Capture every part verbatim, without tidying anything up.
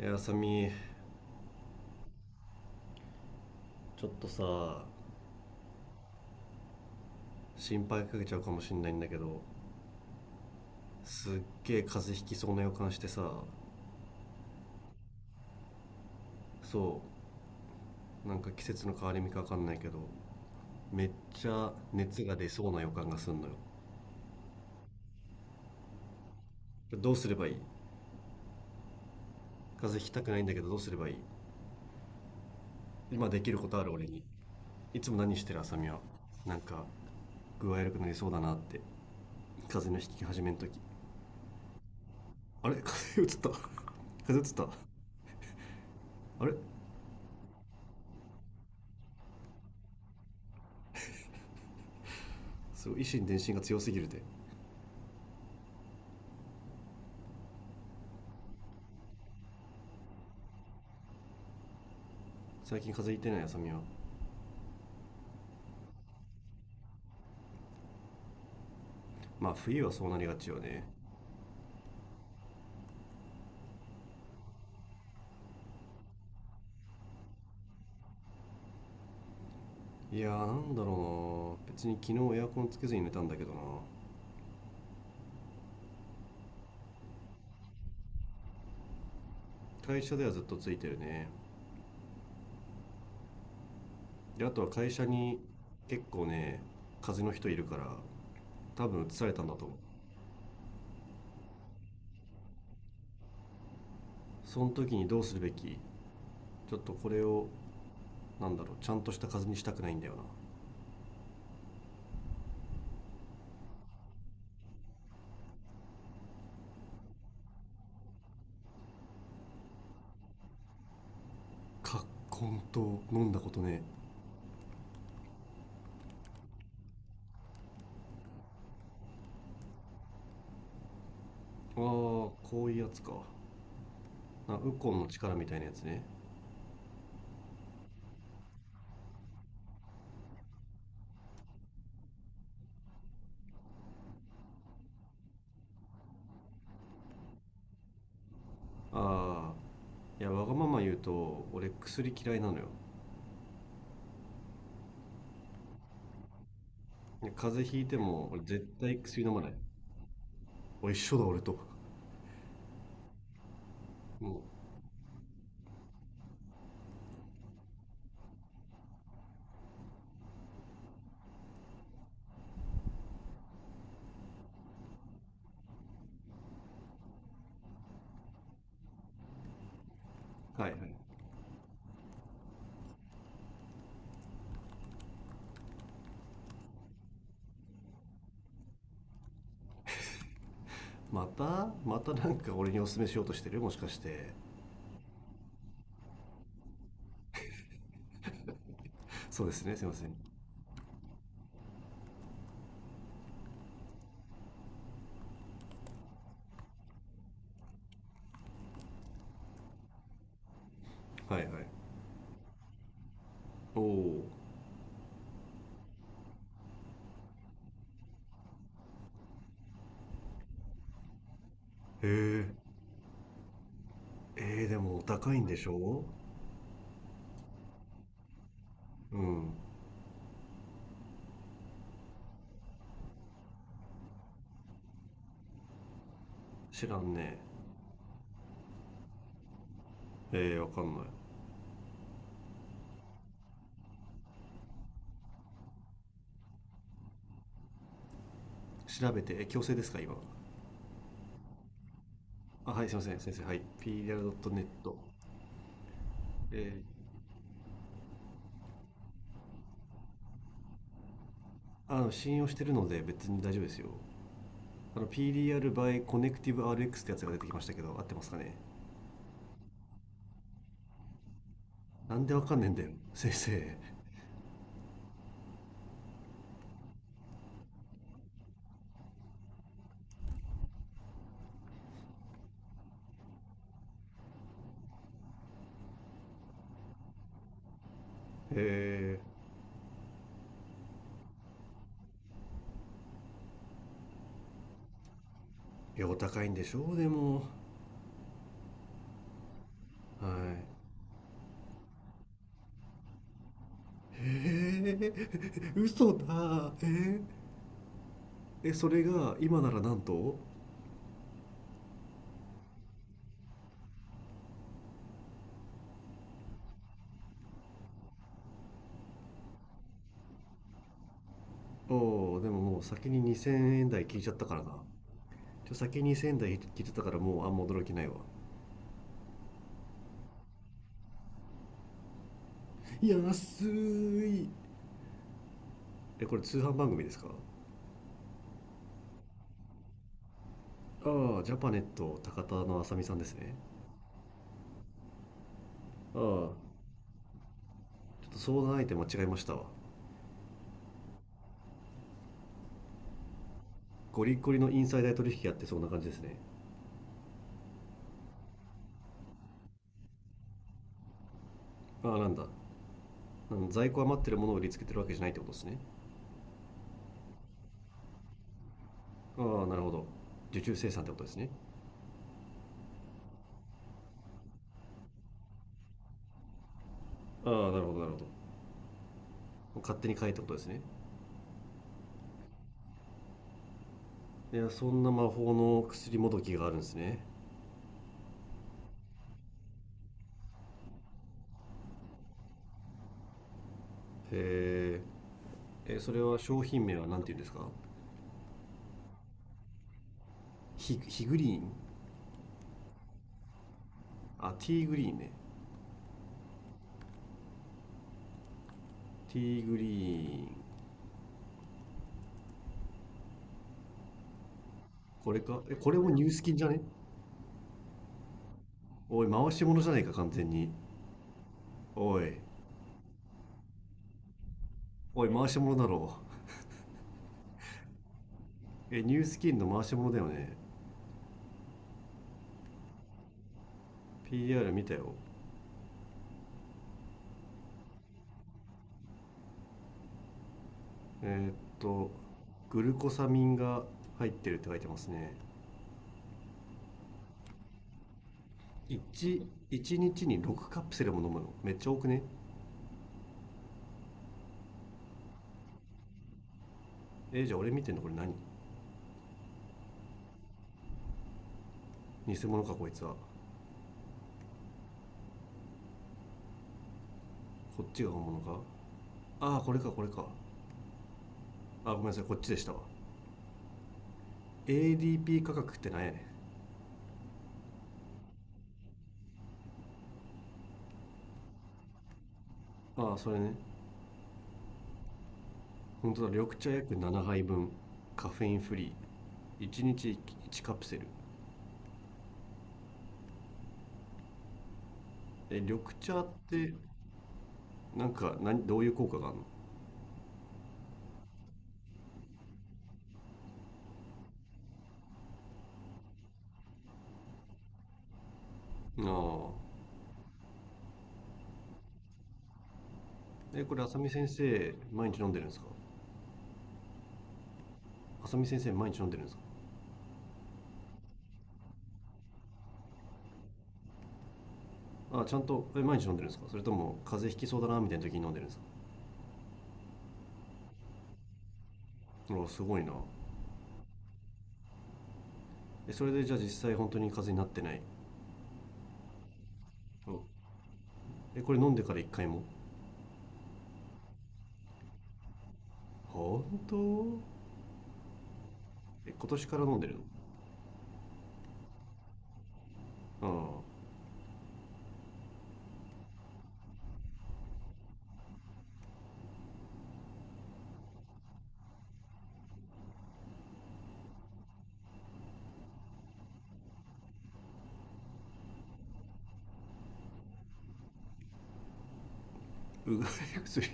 いや、あさみ、ちょっとさ、心配かけちゃうかもしんないんだけど、すっげえ風邪ひきそうな予感してさ。そう、なんか季節の変わり目かわかんないけど、めっちゃ熱が出そうな予感がすんのよ。どうすればいい？風邪ひきたくないんだけど、どうすればいい？今できることある俺に？いつも何してるあさみは？なんか具合悪くなりそうだなって、風邪の引き始めの時、あれ、風邪移った。 風邪うつった。あれ、すごい維心伝心が強すぎるで。最近風邪ひいてないあさみは？まあ冬はそうなりがちよね。いやー、なんだろうな、別に昨日エアコンつけずに寝たんだけどな。会社ではずっとついてるね。で、あとは会社に結構ね、風邪の人いるから、多分移されたんだと思う。その時にどうするべき？ちょっとこれを、なんだろう、ちゃんとした風邪にしたくないんだよな。葛根と飲んだことね？ああ、こういうやつかな、ウコンの力みたいなやつね。ああ、いや、わがまま言うと俺薬嫌いなのよ。いや、風邪ひいても俺絶対薬飲まない。お、一緒だ俺と。もう、はいはい。またまたなんか俺におすすめしようとしてる、もしかして？そうですね、すいません。はいはい。おお。へえ。えー、でもお高いんでしょう。うん。知らんね。ええー、わかんない。調べてえ、強制ですか今？あ、はい、すいません先生、はい、 ピーディーアールドットネット。 えー、あの信用してるので別に大丈夫ですよ。あの、 ピーディーアール by Connective アールエックス ってやつが出てきましたけど、合ってますかね？なんでわかんねえんだよ先生へ。えー、いや、お高いんでしょうでも。はい。へえー、嘘だ、えー。え、それが今ならなんと。おお、でももう先ににせんえん台聞いちゃったからな。ちょ、先ににせんえん台聞いちゃったから、もうあんま驚きないわ。安い。え、これ通販番組ですか？ああ、ジャパネット高田のあさみさんですね。ああ、ちょっと相談相手間違えましたわ。ゴリゴリのインサイダー取引やってそうな感じですね。ああ、なんだ。在庫余ってるものを売りつけてるわけじゃないってことですね。ああ、なるほど。受注生産ってことですね。ああ、なるほどなるほど。勝手に買えってことですね。いや、そんな魔法の薬もどきがあるんですね。へえ。え、それは商品名は何て言うんですか？ヒヒグリーン。あ、ティーグリーンね。ティーグリーン。これか、え、これもニュースキンじゃね？おい、回し物じゃないか完全に。おい。おい、回し物だろう。え、ニュースキンの回し物だよね。 ピーアール 見たよ。えーっと、グルコサミンが入ってるって書いてますね。いち、一日にろくカプセルカプセルも飲むの。めっちゃ多くね？えー、じゃあ俺見てんのこれ何？偽物かこいつは。こっちが本物か？ああ、これかこれか。あー、ごめんなさい、こっちでしたわ。エーディーピー 価格って何やねん。ああ、それね。本当だ、緑茶約ななはいぶん。カフェインフリー。いちにちいちカプセル。え、緑茶って、なんか何、どういう効果があるの？ああ。え、これ、浅見先生、毎日飲んでるんですか？浅見先生、毎日飲んでるんですか？あ、ちゃんと、え、毎日飲んでるんですか、それとも、風邪ひきそうだな、みたいな時に飲んでるんですか？うわ、すごいな。え、それで、じゃあ実際、本当に風邪になってない？うん。え、これ飲んでから一回も？本当？え、今年から飲んでるの？ああ、うがい 薬。い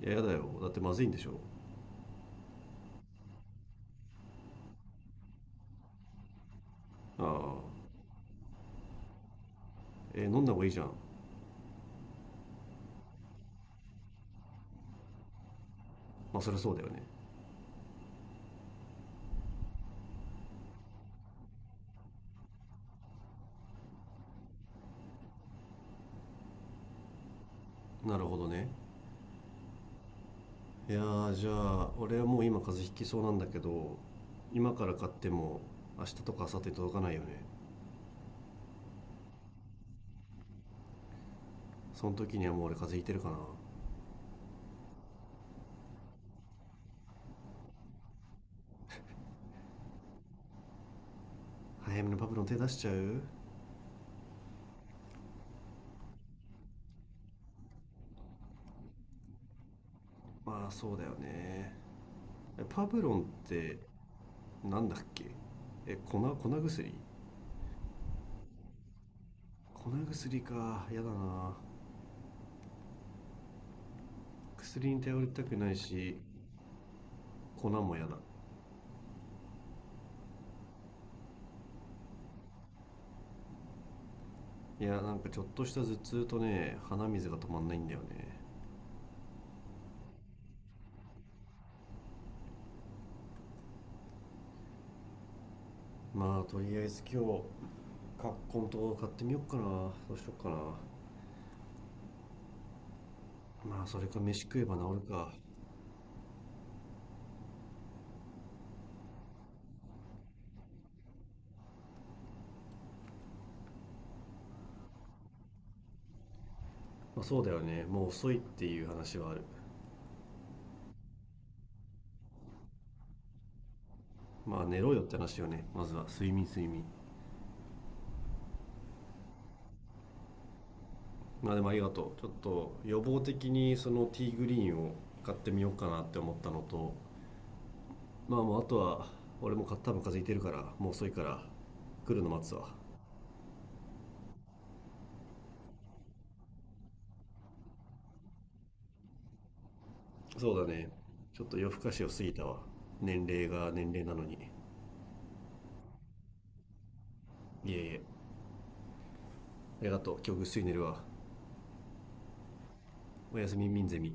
や、やだよ。だってまずいんでしょ？ああ。え、飲んだ方がいいじゃん。まあ、そりゃそうだよね。なるほどね。いやー、じゃあ俺はもう今風邪ひきそうなんだけど。今から買っても明日とか明後日届かないよね？その時にはもう俺風邪ひいてるかな？早めのパブロン手出しちゃう？まあそうだよね。え、パブロンってなんだっけ？え、粉粉薬？粉薬か、やだな。薬に頼りたくないし、粉もやだ。いや、なんかちょっとした頭痛とね、鼻水が止まんないんだよね。まあとりあえず今日、カッコンと買ってみよっかな、どうしよっかな。まあ、それか飯食えば治るか。まあそうだよね、もう遅いっていう話はある。まあ寝ろよって話よね、まずは睡眠睡眠。まあ、でもありがとう、ちょっと予防的にそのティーグリーンを買ってみようかなって思ったのと。まあもうあとは、俺も多分風邪ひいてるからもう遅いから、来るの待つわ。そうだね。ちょっと夜更かしを過ぎたわ。年齢が年齢なのに。いえいえ。ありがとう、今日ぐっすり寝るわ。おやすみミンゼミ。